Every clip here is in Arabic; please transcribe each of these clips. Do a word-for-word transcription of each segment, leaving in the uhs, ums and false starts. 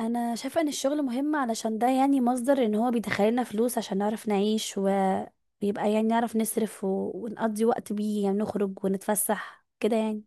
انا شايفه ان الشغل مهم علشان ده يعني مصدر ان هو بيدخلنا فلوس عشان نعرف نعيش وبيبقى يعني نعرف نصرف و... ونقضي وقت بيه يعني نخرج ونتفسح كده يعني.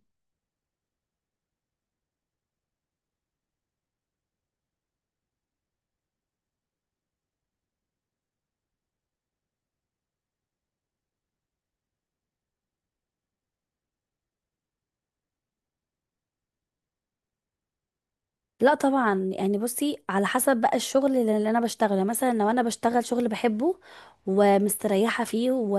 لا طبعا يعني بصي على حسب بقى الشغل اللي اللي انا بشتغله، مثلا لو انا بشتغل شغل بحبه ومستريحه فيه و...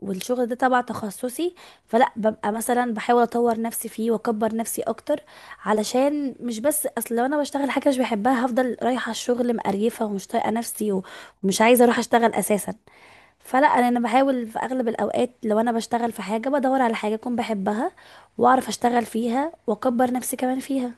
والشغل ده تبع تخصصي، فلا ببقى مثلا بحاول اطور نفسي فيه واكبر نفسي اكتر، علشان مش بس اصل لو انا بشتغل حاجه مش بحبها هفضل رايحه الشغل مقريفه ومش طايقه نفسي و... ومش عايزه اروح اشتغل اساسا. فلا انا أنا بحاول في اغلب الاوقات لو انا بشتغل في حاجه بدور على حاجه اكون بحبها واعرف اشتغل فيها واكبر نفسي كمان فيها.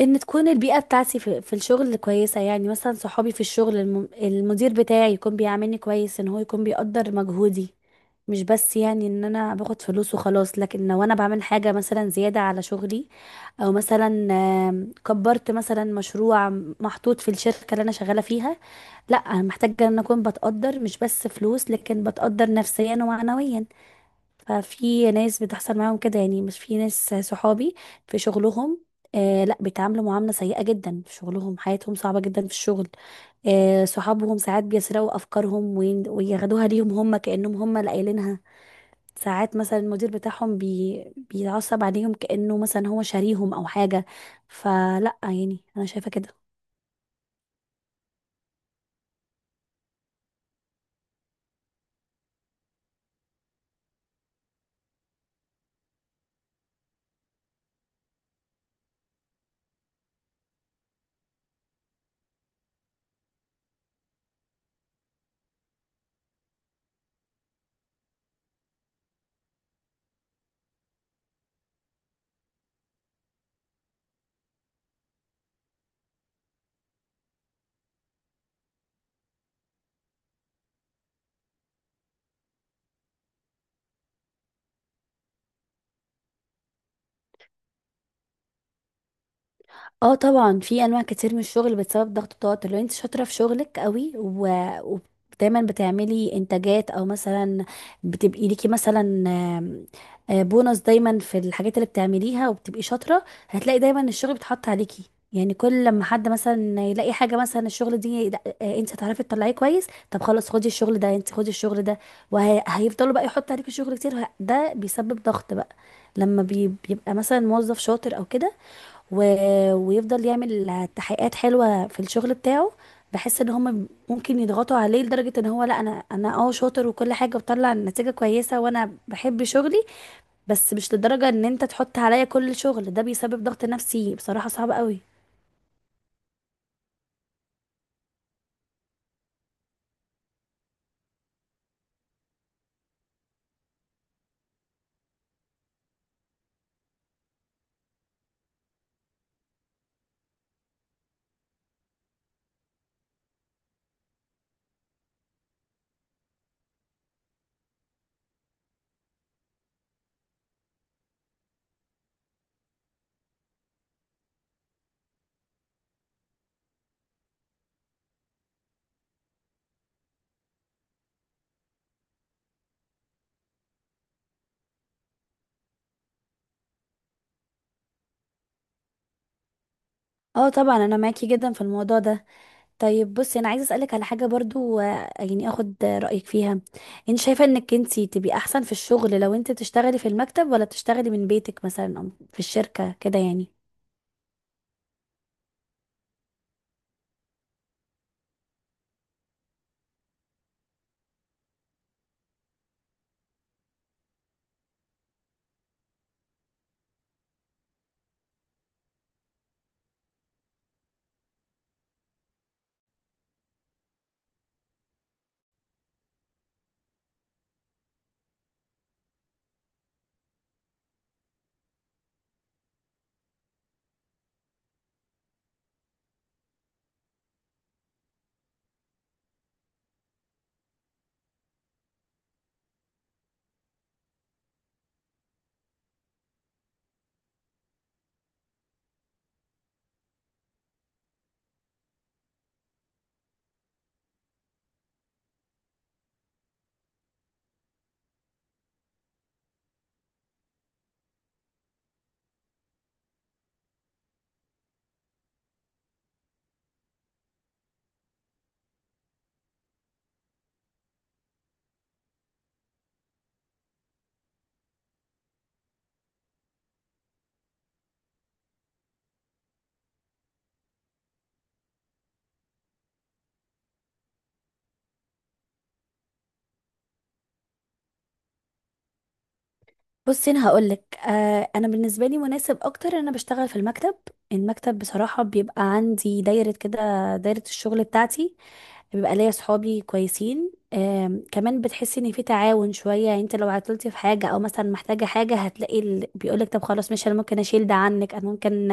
ان تكون البيئة بتاعتي في, في الشغل كويسة، يعني مثلا صحابي في الشغل، الم... المدير بتاعي يكون بيعاملني كويس، ان هو يكون بيقدر مجهودي، مش بس يعني ان انا باخد فلوس وخلاص. لكن لو انا بعمل حاجة مثلا زيادة على شغلي، او مثلا آم، كبرت مثلا مشروع محطوط في الشركة اللي انا شغالة فيها، لا انا محتاجة ان اكون بتقدر، مش بس فلوس لكن بتقدر نفسيا ومعنويا. ففي ناس بتحصل معاهم كده، يعني مش في ناس صحابي في شغلهم، آه لا، بيتعاملوا معاملة سيئة جدا في شغلهم، حياتهم صعبة جدا في الشغل. آه صحابهم ساعات بيسرقوا أفكارهم وين- وياخدوها ليهم هم كأنهم هم اللي قايلينها. ساعات مثلا المدير بتاعهم بي... بيتعصب عليهم كأنه مثلا هو شاريهم أو حاجة. فلا يعني أنا شايفة كده. اه طبعا في انواع كتير من الشغل بتسبب ضغط التوتر. لو انت شاطره في شغلك قوي و... و... دايما بتعملي انتاجات، او مثلا بتبقي ليكي مثلا آم، آه، بونص دايما في الحاجات اللي بتعمليها وبتبقي شاطره، هتلاقي دايما الشغل بيتحط عليكي. يعني كل لما حد مثلا يلاقي حاجه، مثلا الشغل دي، لا آه، انت هتعرفي تطلعيه كويس، طب خلاص خدي الشغل ده، انت خدي الشغل ده، وهيفضلوا بقى يحطوا عليكي شغل كتير، وه- ده بيسبب ضغط بقى. لما بي- بيبقى مثلا موظف شاطر او كده و... ويفضل يعمل تحقيقات حلوه في الشغل بتاعه، بحس ان هم ممكن يضغطوا عليه لدرجه ان هو، لا انا انا اه شاطر وكل حاجه وبطلع نتيجه كويسه وانا بحب شغلي، بس مش لدرجه ان انت تحط عليا كل الشغل ده، بيسبب ضغط نفسي بصراحه صعب قوي. اه طبعا انا معاكي جدا في الموضوع ده. طيب بصي، انا عايزه اسالك على حاجه برضو، آه، يعني اخد آه، رايك فيها. انت شايفه انك انت تبقي احسن في الشغل لو انت بتشتغلي في المكتب، ولا بتشتغلي من بيتك مثلا او في الشركه كده يعني؟ بصي انا هقولك، آه انا بالنسبه لي مناسب اكتر ان انا بشتغل في المكتب. المكتب بصراحه بيبقى عندي دايره كده، دايره الشغل بتاعتي، بيبقى ليا صحابي كويسين، آم، كمان بتحس ان في تعاون شويه. يعني انت لو عطلتي في حاجه او مثلا محتاجه حاجه هتلاقي ال... بيقولك طب خلاص، مش انا ممكن اشيل ده عنك، انا ممكن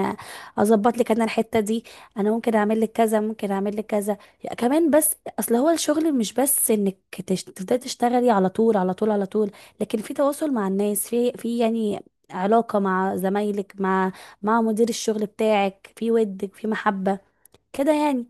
اظبط لك انا الحته دي، انا ممكن اعمل لك كذا، ممكن اعمل لك كذا. يعني كمان بس اصل هو الشغل مش بس انك تش... تبداي تشتغلي على طول على طول على طول، لكن في تواصل مع الناس، في في يعني علاقه مع زمايلك، مع مع مدير الشغل بتاعك، في ودك في محبه كده يعني.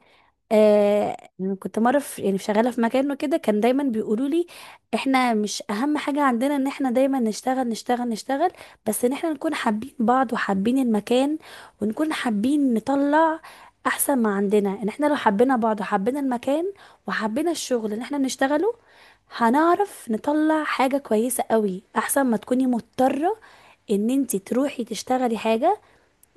آه كنت مره في يعني شغاله في مكانه كده، كان دايما بيقولوا لي احنا مش اهم حاجه عندنا ان احنا دايما نشتغل نشتغل نشتغل، بس ان احنا نكون حابين بعض وحابين المكان، ونكون حابين نطلع احسن ما عندنا، ان احنا لو حبينا بعض وحبينا المكان وحبينا الشغل اللي احنا بنشتغله هنعرف نطلع حاجه كويسه قوي، احسن ما تكوني مضطره ان انت تروحي تشتغلي حاجه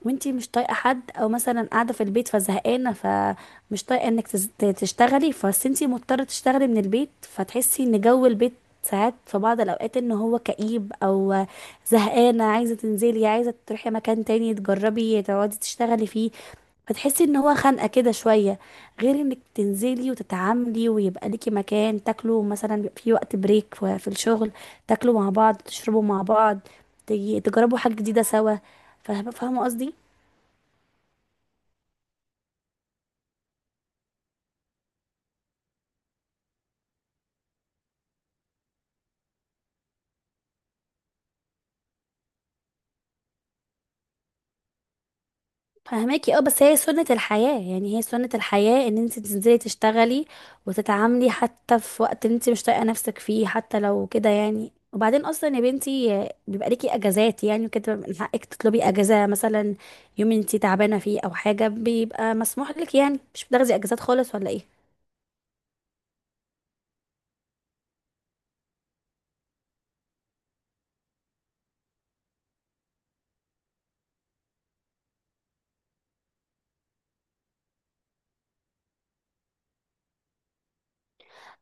وانتي مش طايقه حد. او مثلا قاعده في البيت فزهقانه فمش طايقه انك تز- ت- تشتغلي، فبس انتي مضطره تشتغلي من البيت، فتحسي ان جو البيت ساعات في بعض الاوقات ان هو كئيب او زهقانه، عايزه تنزلي، عايزه تروحي مكان تاني تجربي تقعدي تشتغلي فيه، فتحسي ان هو خانقه كده شويه. غير انك تنزلي وتتعاملي ويبقى ليكي مكان تاكلوا مثلا، بيبقى في وقت بريك في في الشغل تاكلوا مع بعض، تشربوا مع بعض، تي- تجربوا حاجه جديده سوا. فاهمه، فاهمة قصدي؟ فهماكي اه، بس هي سنة الحياة، يعني هي سنة الحياة ان انت تنزلي تشتغلي وتتعاملي حتى في وقت انت مش طايقة نفسك فيه، حتى لو كده يعني. وبعدين اصلا يا بنتي آه، بيبقى ليكي اجازات يعني وكده، من حقك تطلبي اجازة مثلا يوم انت تعبانة فيه او حاجة، بيبقى مسموح لك يعني، مش بتاخدي اجازات خالص ولا ايه؟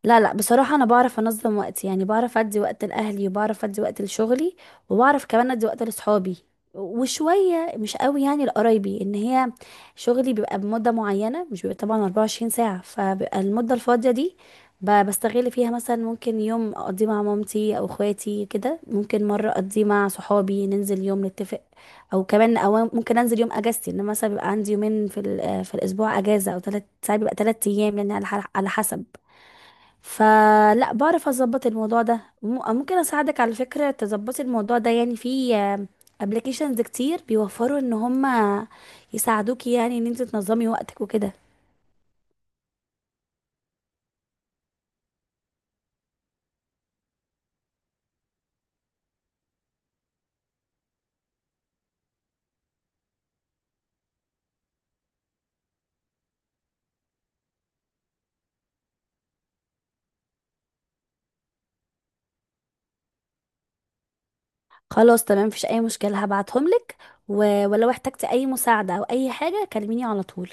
لا لا بصراحة أنا بعرف أنظم وقتي، يعني بعرف أدي وقت لأهلي، وبعرف أدي وقت لشغلي، وبعرف كمان أدي وقت لأصحابي، وشوية مش قوي يعني لقرايبي. إن هي شغلي بيبقى بمدة معينة، مش بيبقى طبعا اربعة وعشرين ساعة، فبيبقى المدة الفاضية دي ب- بستغل فيها، مثلا ممكن يوم أقضيه مع مامتي أو إخواتي كده، ممكن مرة أقضيه مع صحابي ننزل يوم نتفق، أو كمان أو ممكن أنزل يوم أجازتي، إن مثلا بيبقى عندي يومين في ال- في الأسبوع أجازة، أو تلات ساعات، بيبقى تلات أيام يعني على ح- على حسب. فلا بعرف اظبط الموضوع ده، وم- ممكن اساعدك على فكرة تظبطي الموضوع ده. يعني في ابلكيشنز كتير بيوفروا ان هما يساعدوكي، يعني ان انت تنظمي وقتك وكده. خلاص تمام، مفيش اي مشكلة، هبعتهم لك. و- ولو احتجتي اي مساعدة او اي حاجة كلميني على طول.